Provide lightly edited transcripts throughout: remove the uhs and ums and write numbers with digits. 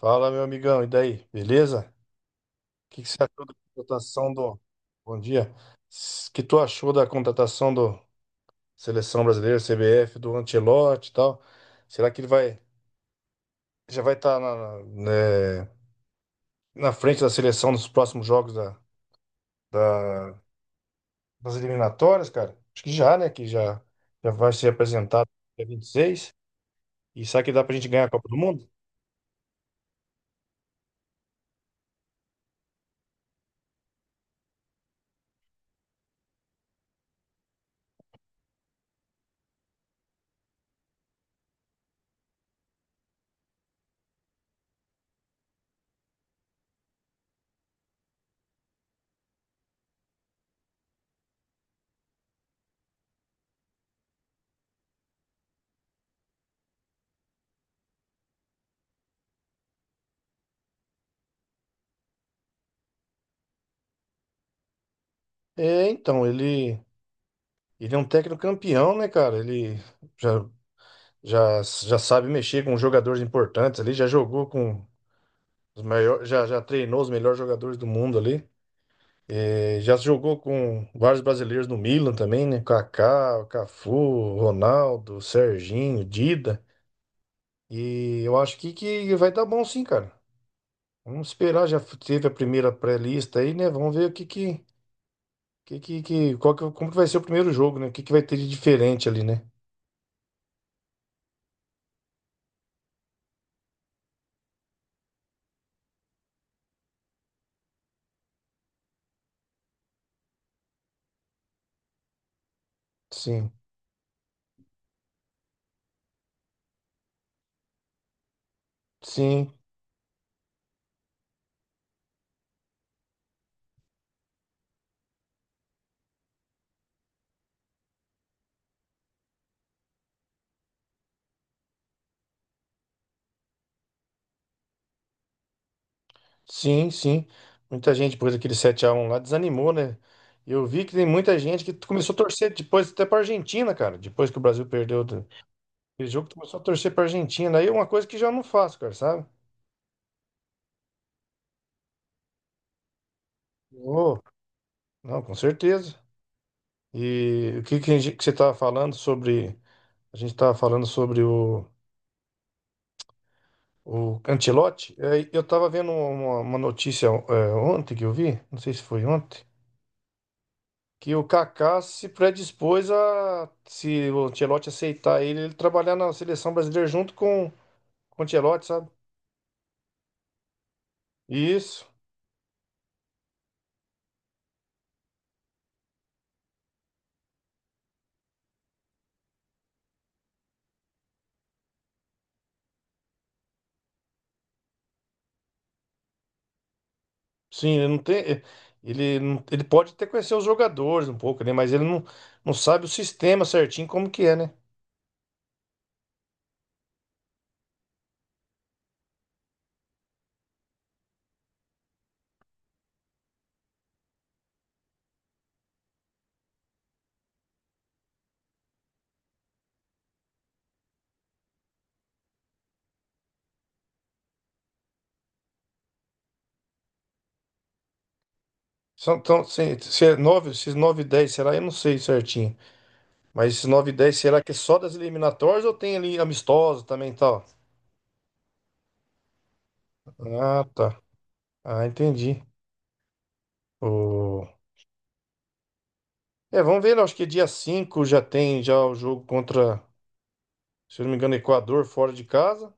Fala, meu amigão, e daí? Beleza? O que que você achou da contratação do. Bom dia. O que tu achou da contratação do Seleção Brasileira, CBF, do Ancelotti e tal? Será que ele vai já vai estar né, na frente da seleção nos próximos jogos da- das eliminatórias, cara? Acho que já, né? Que já, já vai ser apresentado dia 26. E seis. E será que dá pra gente ganhar a Copa do Mundo? É, então, ele é um técnico campeão, né, cara? Ele. Já já, já sabe mexer com jogadores importantes ali, já jogou com os maiores, já, já treinou os melhores jogadores do mundo ali. Já jogou com vários brasileiros no Milan também, né? Kaká, Cafu, Ronaldo, Serginho, Dida. E eu acho que vai dar bom sim, cara. Vamos esperar, já teve a primeira pré-lista aí, né? Vamos ver o que que- qual que- como que vai ser o primeiro jogo, né? O que que vai ter de diferente ali, né? Sim, sim. Sim, sim. Muita gente, depois daquele 7-1 lá, desanimou, né? Eu vi que tem muita gente que começou a torcer depois até pra Argentina, cara. Depois que o Brasil perdeu do- Aquele jogo, tu começou a torcer pra Argentina. Aí é uma coisa que já não faço, cara, sabe? Oh, não, com certeza. E o que, que, a gente- que você estava falando sobre. A gente estava falando sobre o Ancelotti. É, eu estava vendo uma notícia ontem que eu vi, não sei se foi ontem. Que o Kaká se predispôs a, se o Ancelotti aceitar ele, ele trabalhar na seleção brasileira junto com o Ancelotti, sabe? Isso. Sim, ele não tem. Ele, não- Ele pode até conhecer os jogadores um pouco, né? Mas ele não, não sabe o sistema certinho como que é, né? São, então, se é 9, esses 9 e 10, será? Eu não sei certinho. Mas esses 9 e 10, será que é só das eliminatórias ou tem ali amistoso também e tal? Ah, tá. Ah, entendi. É, vamos ver, eu acho que dia 5 já tem já o jogo contra, se eu não me engano, Equador fora de casa.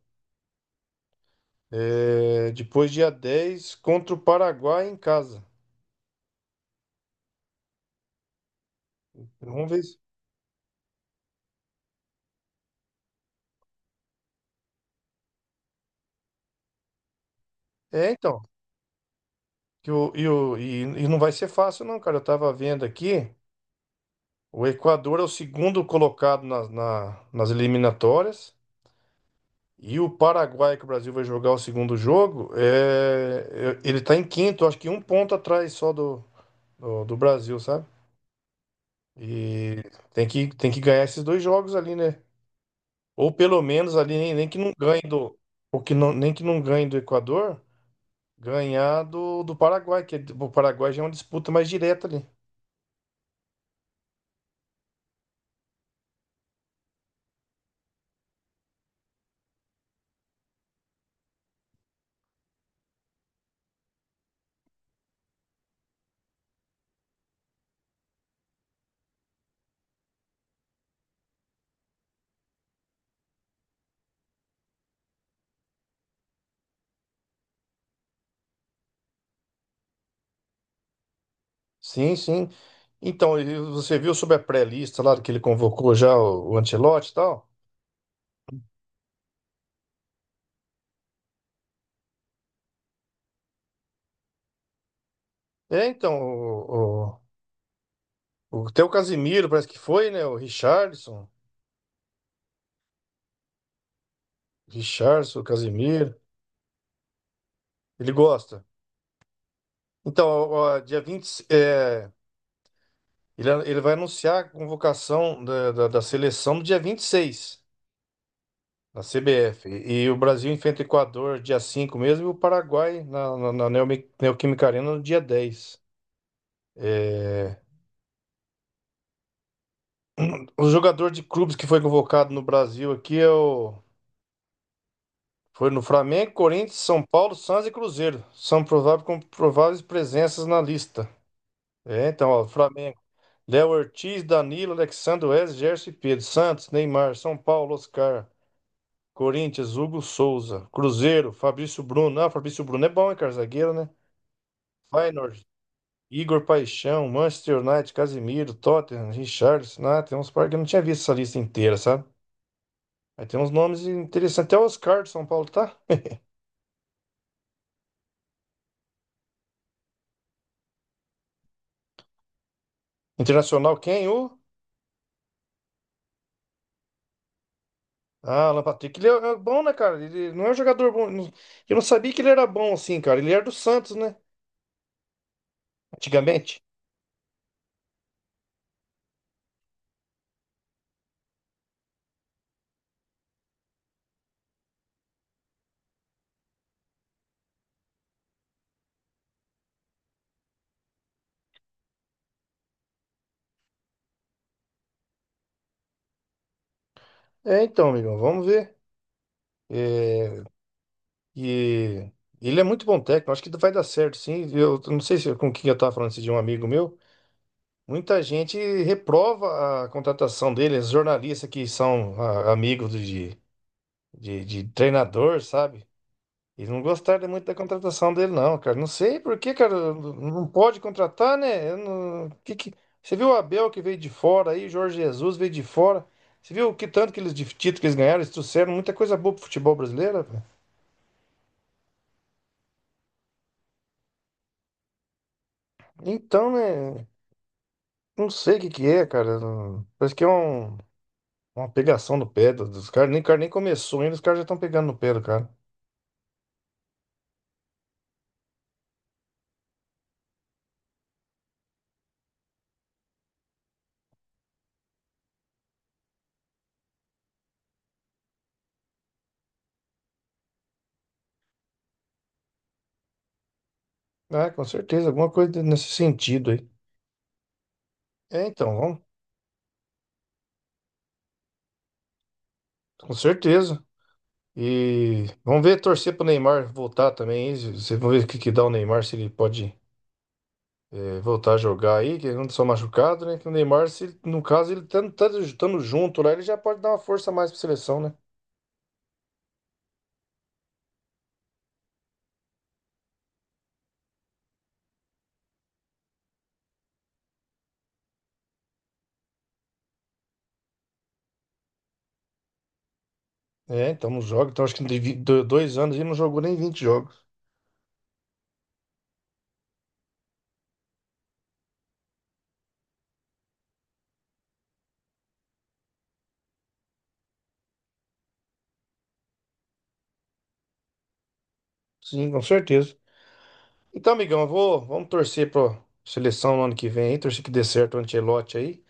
É, depois dia 10 contra o Paraguai em casa. Vamos ver. Se- É, então, que o, e não vai ser fácil não, cara. Eu tava vendo aqui, o Equador é o segundo colocado nas eliminatórias e o Paraguai, que o Brasil vai jogar o segundo jogo, ele tá em quinto, acho que um ponto atrás só do Brasil, sabe? E tem que ganhar esses dois jogos ali, né? Ou pelo menos ali, nem que não ganhe do. Ou que não, nem que não ganhe do Equador, ganhar do Paraguai, o Paraguai já é uma disputa mais direta ali. Sim, sim. Então, e você viu sobre a pré-lista lá que ele convocou já o Ancelotti e tal? É, então, até o Casimiro parece que foi, né? O Richarlison. Richarlison, o Casimiro. Ele gosta. Então, ó, ó, dia 20, ele vai anunciar a convocação da seleção no dia 26 na CBF. E o Brasil enfrenta o Equador dia 5 mesmo, e o Paraguai na Neoquímica Arena no dia 10. É, o jogador de clubes que foi convocado no Brasil aqui é o... foi no Flamengo, Corinthians, São Paulo, Santos e Cruzeiro. São prováveis, com prováveis presenças na lista. É, então, ó, Flamengo. Léo Ortiz, Danilo, Alexandre Welles, Gerson e Pedro. Santos, Neymar. São Paulo, Oscar. Corinthians, Hugo Souza. Cruzeiro, Fabrício Bruno. Ah, Fabrício Bruno é bom, hein, cara? Zagueiro, né? Feyenoord, Igor Paixão. Manchester United, Casemiro. Tottenham, Richarlison. Ah, tem uns par que eu não tinha visto essa lista inteira, sabe? Aí tem uns nomes interessantes. Até o Oscar de São Paulo, tá? Internacional, quem? O? Ah, Alan Patrick. Ele é bom, né, cara? Ele não é um jogador bom. Não- Eu não sabia que ele era bom assim, cara. Ele era do Santos, né? Antigamente. É, então, amigão, vamos ver. É, E ele é muito bom técnico, acho que vai dar certo, sim. Eu não sei se com quem eu estava falando esse de um amigo meu. Muita gente reprova a contratação dele, os jornalistas que são amigos de treinador, sabe? E não gostaram muito da contratação dele, não, cara. Não sei por que, cara, não não pode contratar, né? Eu não- que... Você viu o Abel que veio de fora aí, o Jorge Jesus veio de fora. Você viu que tanto que eles de título que eles ganharam, eles trouxeram muita coisa boa pro futebol brasileiro, velho. Então, né? Não sei o que que é, cara. Parece que uma pegação no pé do- dos caras. Nem, o cara nem começou ainda, os caras já estão pegando no pé do cara. É, com certeza, alguma coisa nesse sentido aí. É, então, vamos, com certeza. E vamos ver, torcer pro Neymar voltar também. Aí, se- se- Vamos ver o que que dá o Neymar, se ele pode voltar a jogar aí, que ele não só machucado, né? Que o Neymar, se, ele- No caso, ele estando junto lá, ele já pode dar uma força a mais pra seleção, né? É, então não joga. Então acho que 2 anos ele não jogou nem 20 jogos. Sim, com certeza. Então, amigão, vamos torcer pra seleção no ano que vem aí, torcer que dê certo o Ancelotti aí.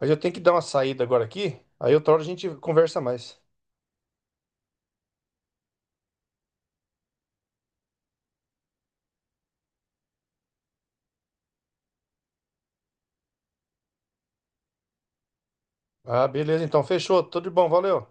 Mas eu tenho que dar uma saída agora aqui, aí outra hora a gente conversa mais. Ah, beleza, então, fechou, tudo de bom, valeu.